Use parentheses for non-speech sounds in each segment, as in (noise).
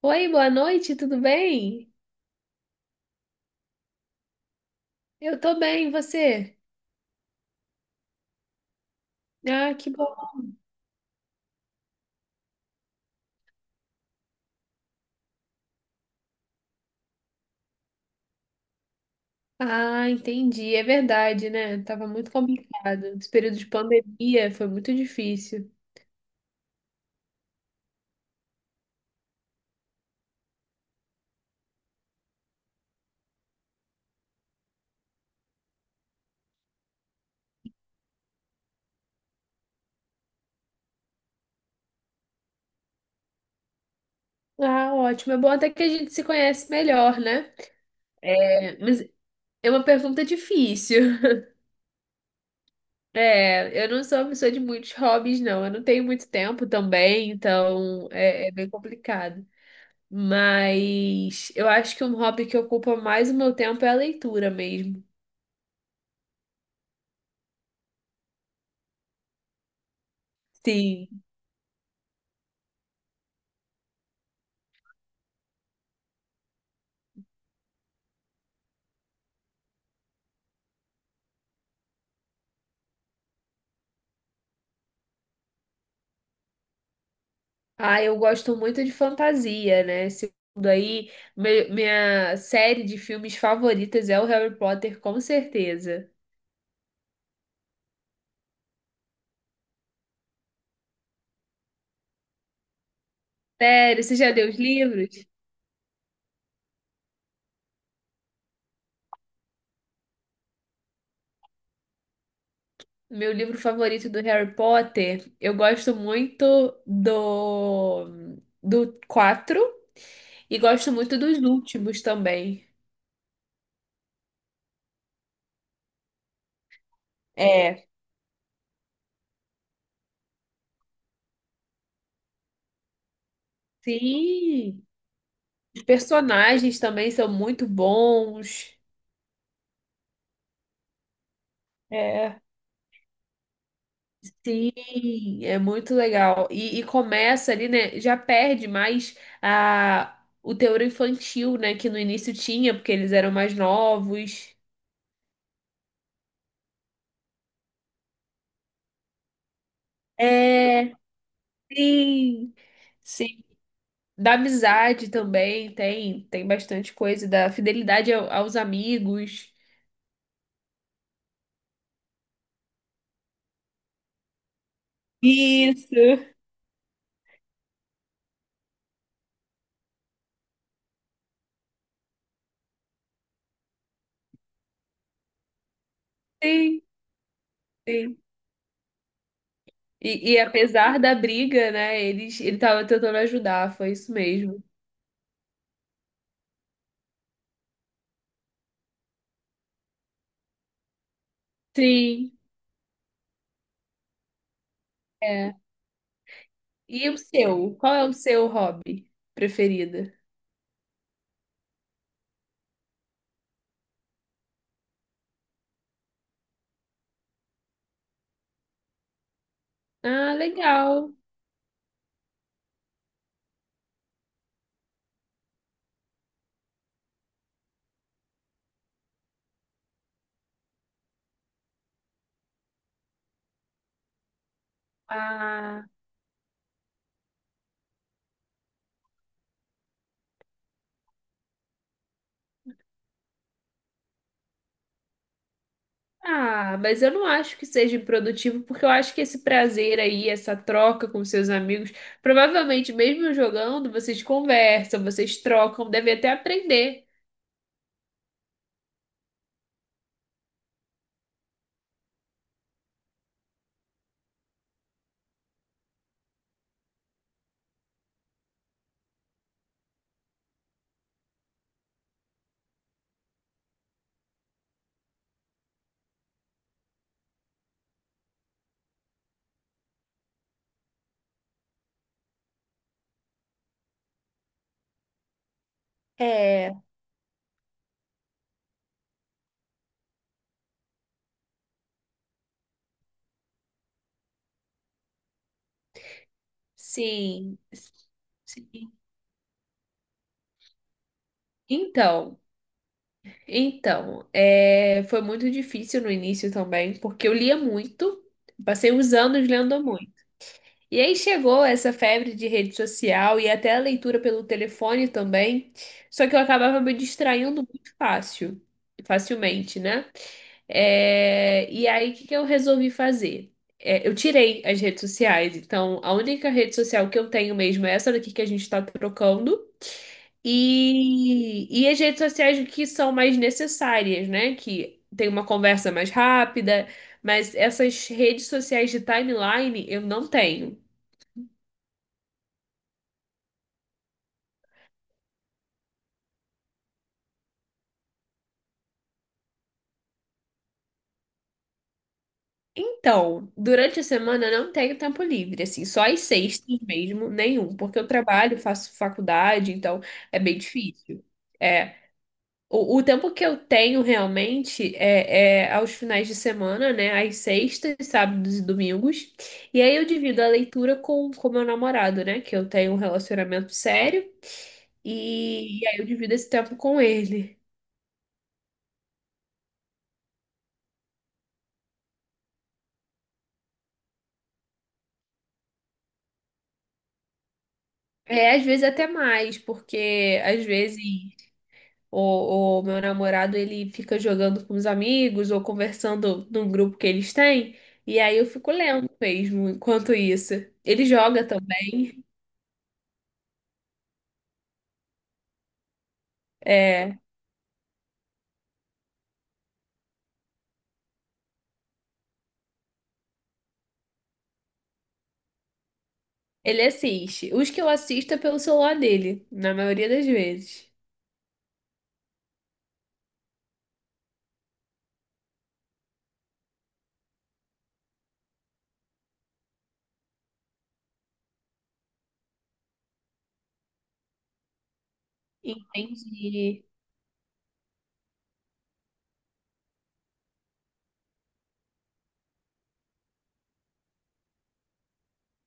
Oi, boa noite, tudo bem? Eu tô bem, e você? Ah, que bom. Ah, entendi, é verdade, né? Tava muito complicado. Esse período de pandemia foi muito difícil. Ah, ótimo. É bom até que a gente se conhece melhor, né? É, mas é uma pergunta difícil. (laughs) É, eu não sou uma pessoa de muitos hobbies, não. Eu não tenho muito tempo também, então é bem complicado. Mas eu acho que um hobby que ocupa mais o meu tempo é a leitura mesmo. Sim. Ah, eu gosto muito de fantasia, né? Esse mundo aí, minha série de filmes favoritas é o Harry Potter, com certeza. Sério, você já leu os livros? Meu livro favorito do Harry Potter, eu gosto muito do do 4 e gosto muito dos últimos também. É, sim. Os personagens também são muito bons. É. Sim, é muito legal. E começa ali, né? Já perde mais a, o teor infantil, né? Que no início tinha, porque eles eram mais novos. É, sim, sim. Da amizade também tem bastante coisa, da fidelidade aos amigos. Isso. Sim, sim. E apesar da briga, né? Ele tava tentando ajudar, foi isso mesmo. Sim. E o seu? Qual é o seu hobby preferido? Ah, legal. Ah, ah, mas eu não acho que seja improdutivo, porque eu acho que esse prazer aí, essa troca com seus amigos, provavelmente mesmo jogando, vocês conversam, vocês trocam, devem até aprender. É, sim. Sim. Então, então, foi muito difícil no início também, porque eu lia muito, passei uns anos lendo muito. E aí chegou essa febre de rede social e até a leitura pelo telefone também, só que eu acabava me distraindo muito fácil, facilmente, né? É, e aí, o que que eu resolvi fazer? É, eu tirei as redes sociais, então a única rede social que eu tenho mesmo é essa daqui que a gente está trocando. E as redes sociais que são mais necessárias, né? Que tem uma conversa mais rápida, mas essas redes sociais de timeline eu não tenho. Então, durante a semana eu não tenho tempo livre, assim, só às sextas mesmo, nenhum, porque eu trabalho, faço faculdade, então é bem difícil. É, o tempo que eu tenho realmente é aos finais de semana, né, às sextas, sábados e domingos, e aí eu divido a leitura com o meu namorado, né, que eu tenho um relacionamento sério, e aí eu divido esse tempo com ele. É, às vezes até mais, porque às vezes, ou, ou meu namorado ele fica jogando com os amigos ou conversando num grupo que eles têm, e aí eu fico lendo mesmo enquanto isso. Ele joga também, é, ele assiste. Os que eu assisto é pelo celular dele, na maioria das vezes. Entendi.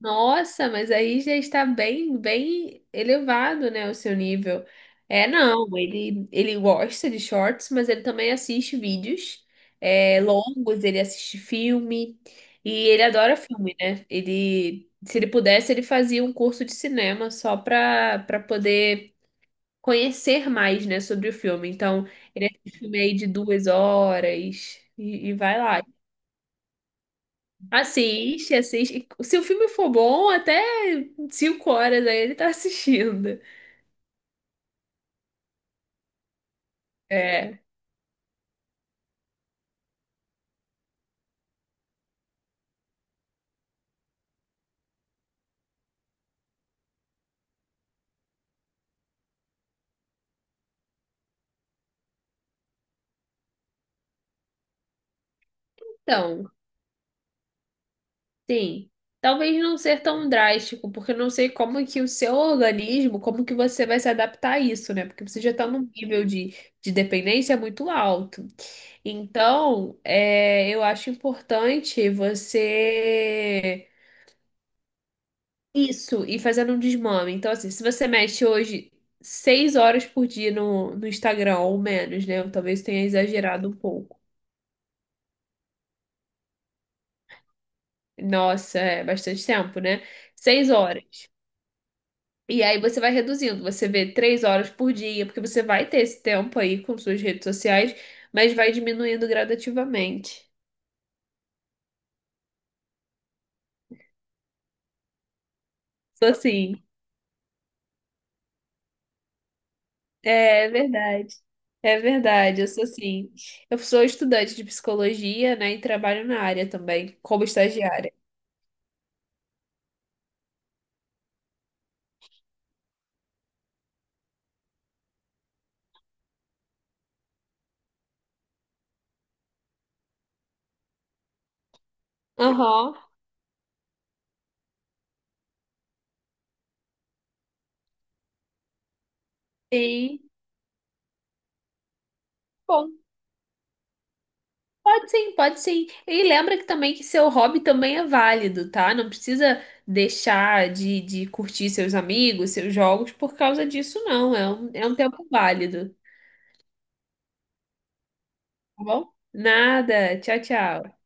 Nossa, mas aí já está bem, bem elevado, né, o seu nível. É, não, ele gosta de shorts, mas ele também assiste vídeos longos, ele assiste filme e ele adora filme, né? Ele, se ele pudesse, ele fazia um curso de cinema só para poder conhecer mais, né, sobre o filme. Então, ele assiste filme aí de 2 horas e vai lá. Assiste, assiste. Se o filme for bom, até 5 horas aí ele tá (laughs) assistindo. É. Então, sim. Talvez não ser tão drástico, porque eu não sei como que o seu organismo, como que você vai se adaptar a isso, né? Porque você já tá num nível de dependência muito alto. Então, eu acho importante você. Isso, e fazendo um desmame. Então, assim, se você mexe hoje 6 horas por dia no Instagram, ou menos, né? Eu talvez tenha exagerado um pouco. Nossa, é bastante tempo, né? 6 horas. E aí você vai reduzindo, você vê 3 horas por dia, porque você vai ter esse tempo aí com suas redes sociais, mas vai diminuindo gradativamente. Sou assim. É verdade. É verdade, eu sou assim. Eu sou estudante de psicologia, né? E trabalho na área também, como estagiária. Aham. Sim. Bom, pode sim, pode sim. E lembra que também que seu hobby também é válido, tá? Não precisa deixar de curtir seus amigos, seus jogos por causa disso, não. É um tempo válido, tá bom? Nada. Tchau, tchau.